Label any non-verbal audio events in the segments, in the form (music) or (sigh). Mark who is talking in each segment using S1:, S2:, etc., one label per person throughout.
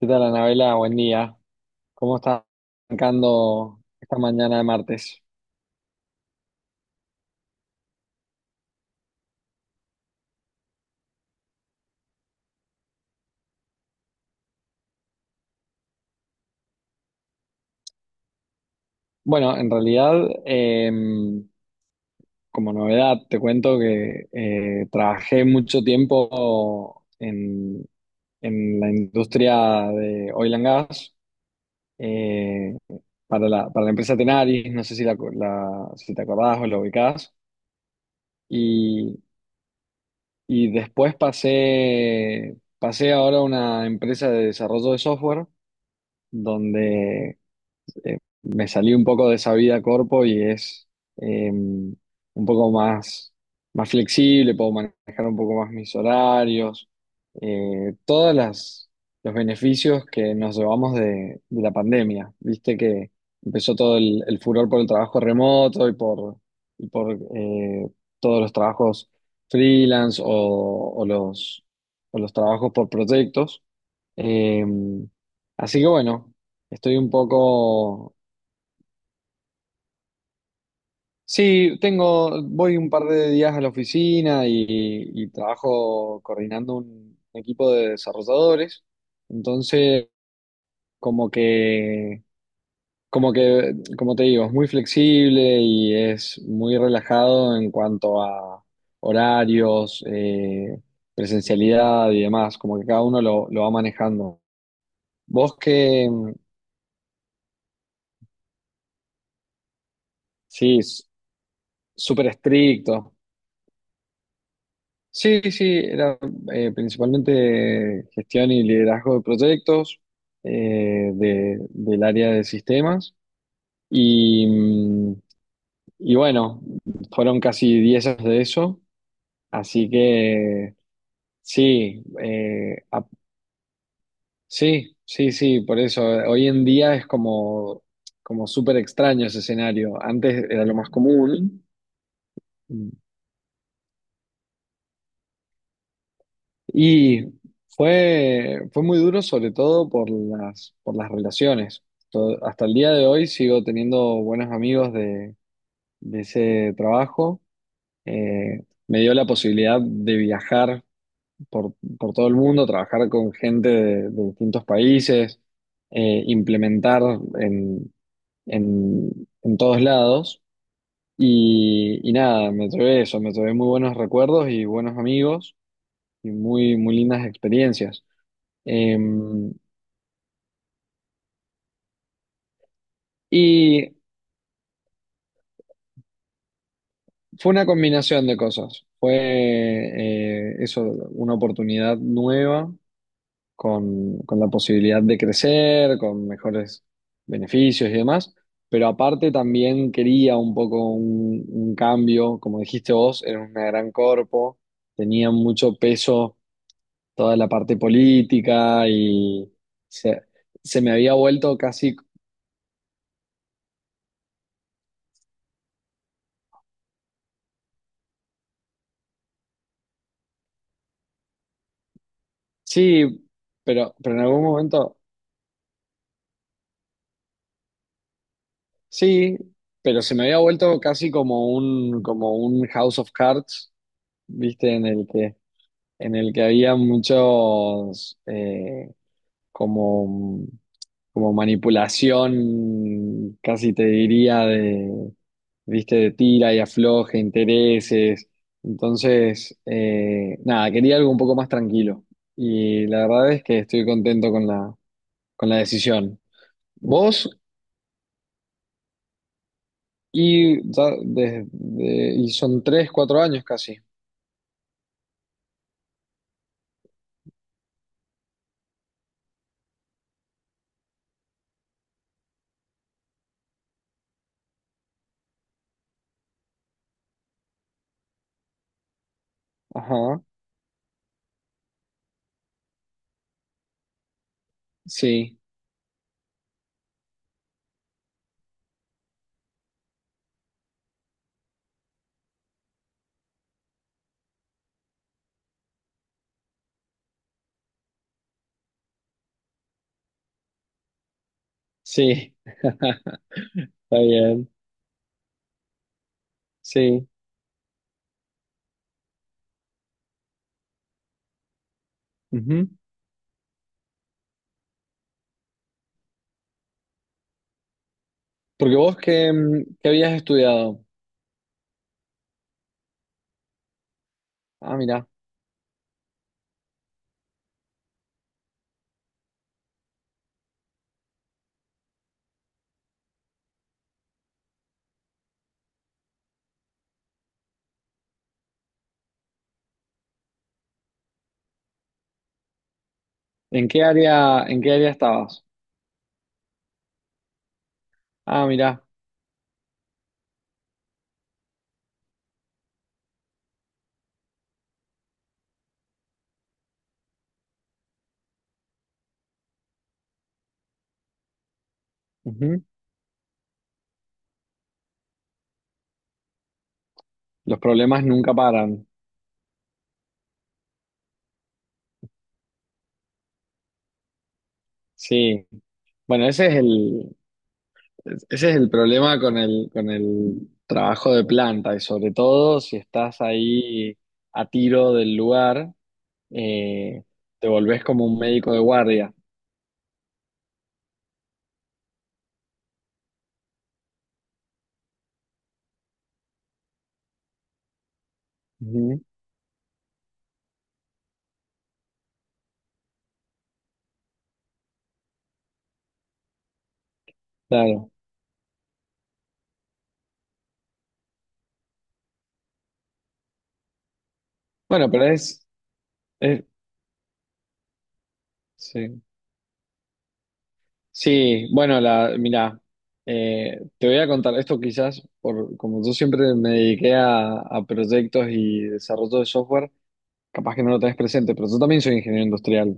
S1: ¿Qué tal, Anabela? Buen día. ¿Cómo estás arrancando esta mañana de martes? Bueno, en realidad, eh, como novedad, te cuento que trabajé mucho tiempo en la industria de oil and gas eh, para la empresa Tenaris, no sé si, si te acordás o la ubicás, y, y después pasé ahora a una empresa de desarrollo de software donde me salí un poco de esa vida corpo y es un poco más flexible, puedo manejar un poco más mis horarios, todas los beneficios que nos llevamos de la pandemia. Viste que empezó todo el furor por el trabajo remoto y por todos los trabajos freelance o o los trabajos por proyectos. Eh, Así que bueno, estoy un poco. Sí, tengo, voy un par de días a la oficina y trabajo coordinando un equipo de desarrolladores. Entonces, como que, como que, como te digo, es muy flexible y es muy relajado en cuanto a horarios, presencialidad y demás. Como que cada uno lo va manejando. Vos que, sí, súper estricto. Sí, sí, era principalmente gestión y liderazgo de proyectos del área de sistemas. Y, mm, y bueno, fueron casi 10 años de eso. Así que sí, sí, sí, sí, por eso. Hoy en día es como súper extraño ese escenario. Antes era lo más común. Y fue muy duro, sobre todo por por las relaciones. Hasta el día de hoy sigo teniendo buenos amigos de ese trabajo. Me dio la posibilidad de viajar por todo el mundo, trabajar con gente de distintos países, implementar en, en todos lados. Y nada, me llevé eso, me llevé muy buenos recuerdos y buenos amigos y muy, muy lindas experiencias. Eh, y fue una combinación de cosas. Fue eso, una oportunidad nueva con la posibilidad de crecer, con mejores beneficios y demás. Pero aparte también quería un poco un cambio, como dijiste vos, era una gran corpo, tenía mucho peso toda la parte política se, se me había vuelto casi, sí, pero en algún momento... Sí, pero se me había vuelto casi como como un House of Cards, ¿viste? En el que había muchos como, como manipulación, casi te diría, de, ¿viste? De tira y afloje, intereses. Entonces, nada, quería algo un poco más tranquilo. Y la verdad es que estoy contento con con la decisión. ¿Vos Y son tres, cuatro años casi. Ajá, sí, sí. (laughs) Está bien, sí. Ujú. Porque vos, ¿qué, qué habías estudiado? Ah, mira. En qué área estabas? Ah, mira. Ujú. Los problemas nunca paran. Sí. Bueno, ese es ese es el problema con con el trabajo de planta y sobre todo si estás ahí a tiro del lugar. eh, Te volvés como un médico de guardia. Ujú, claro. Bueno, pero es- sí. Sí, bueno, mira, te voy a contar esto quizás, por, como yo siempre me dediqué a proyectos y desarrollo de software, capaz que no lo tenés presente, pero yo también soy ingeniero industrial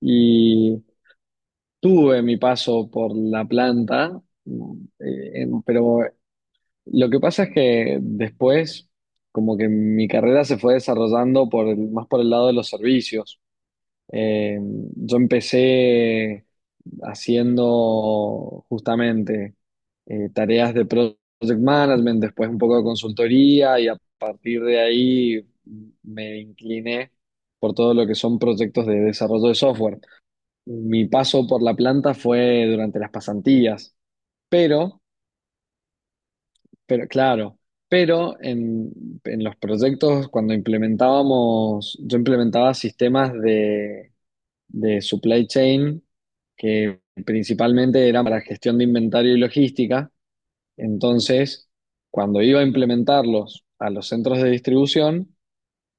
S1: y tuve mi paso por la planta, mm, pero lo que pasa es que después, como que mi carrera se fue desarrollando por más por el lado de los servicios. Eh, yo empecé haciendo justamente tareas de project management, después un poco de consultoría y a partir de ahí me incliné por todo lo que son proyectos de desarrollo de software. Mi paso por la planta fue durante las pasantías, pero pero claro, pero en los proyectos cuando implementábamos, yo implementaba sistemas de supply chain que principalmente eran para gestión de inventario y logística. Entonces, cuando iba a implementarlos a los centros de distribución,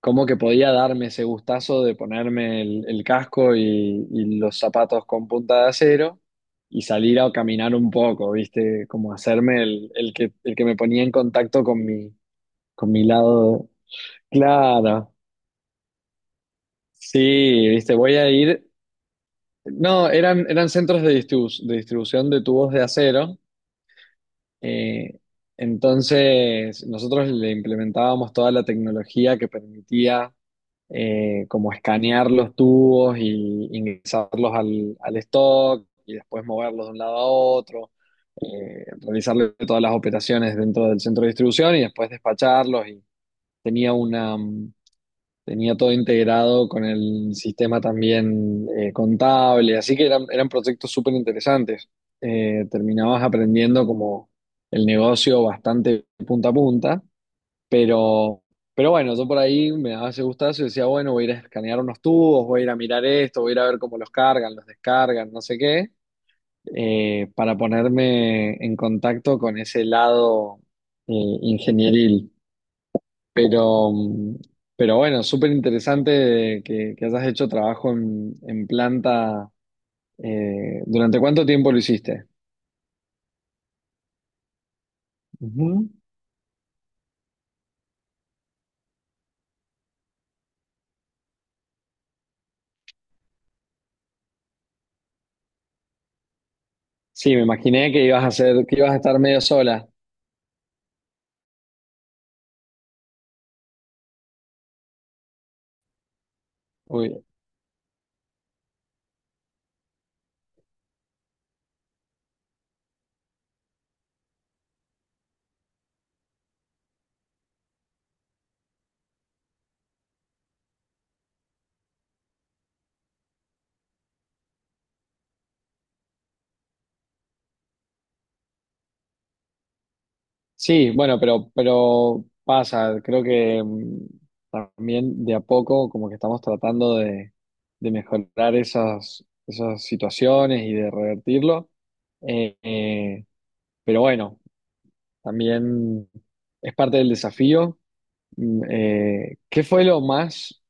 S1: como que podía darme ese gustazo de ponerme el casco y los zapatos con punta de acero y salir a caminar un poco, ¿viste? Como hacerme el que me ponía en contacto con mi lado. Claro, sí, ¿viste? Voy a ir... No, eran centros de de distribución de tubos de acero. eh, entonces, nosotros le implementábamos toda la tecnología que permitía como escanear los tubos y ingresarlos al stock y después moverlos de un lado a otro, realizarle todas las operaciones dentro del centro de distribución y después despacharlos y tenía tenía todo integrado con el sistema también contable, así que eran proyectos súper interesantes. Terminabas aprendiendo como el negocio bastante punta a punta pero, pero bueno, yo por ahí me daba ese gustazo y decía, bueno, voy a ir a escanear unos tubos, voy a ir a mirar esto, voy a ir a ver cómo los cargan, los descargan, no sé qué, para ponerme en contacto con ese lado eh, ingenieril. Pero, pero bueno, súper interesante que hayas hecho trabajo en planta. Eh, ¿durante cuánto tiempo lo hiciste? Ujú. Sí, me imaginé que ibas a hacer, que ibas a estar medio sola. Sí, bueno, pero pasa, creo que también de a poco como que estamos tratando de mejorar esas situaciones y de revertirlo. Eh, eh, pero bueno, también es parte del desafío. ¿Qué fue lo más,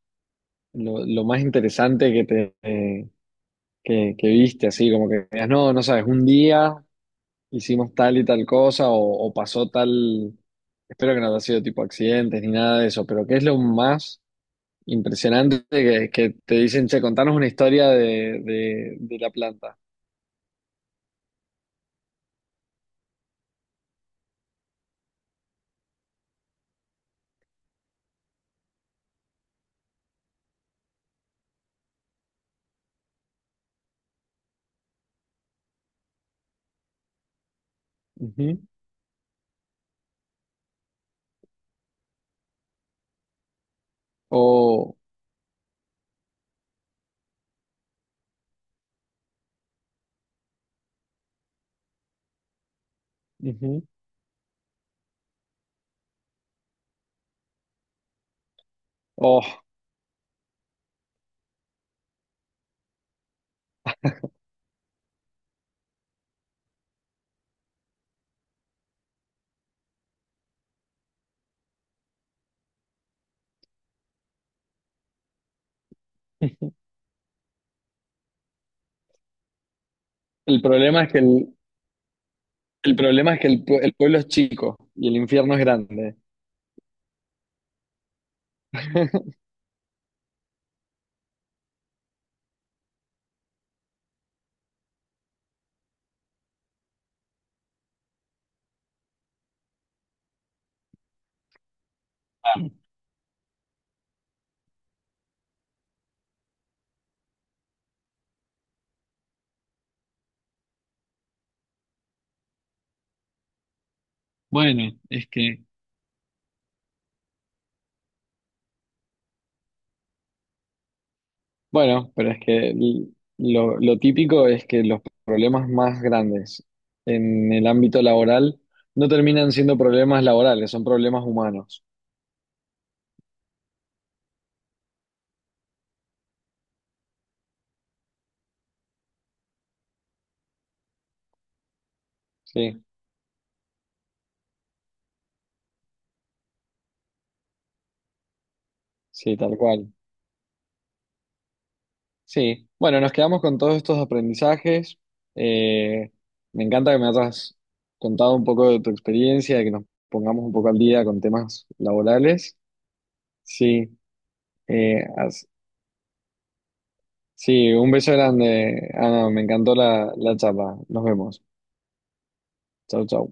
S1: lo más interesante que te que viste? Así como que digas, no, no sabes, un día hicimos tal y tal cosa o pasó tal, espero que no haya sido tipo accidentes ni nada de eso, pero ¿qué es lo más impresionante que te dicen, che, contanos una historia de la planta? Ujú. O, ujú. Oh, el problema es que el pueblo es chico y el infierno es grande. (laughs) Bueno, es que bueno, pero es que lo típico es que los problemas más grandes en el ámbito laboral no terminan siendo problemas laborales, son problemas humanos. Sí, sí, tal cual. Sí, bueno, nos quedamos con todos estos aprendizajes. Eh, Me encanta que me hayas contado un poco de tu experiencia, de que nos pongamos un poco al día con temas laborales. Sí, eh, as- sí, un beso grande. Ana, me encantó la charla. Nos vemos. Chau, chau.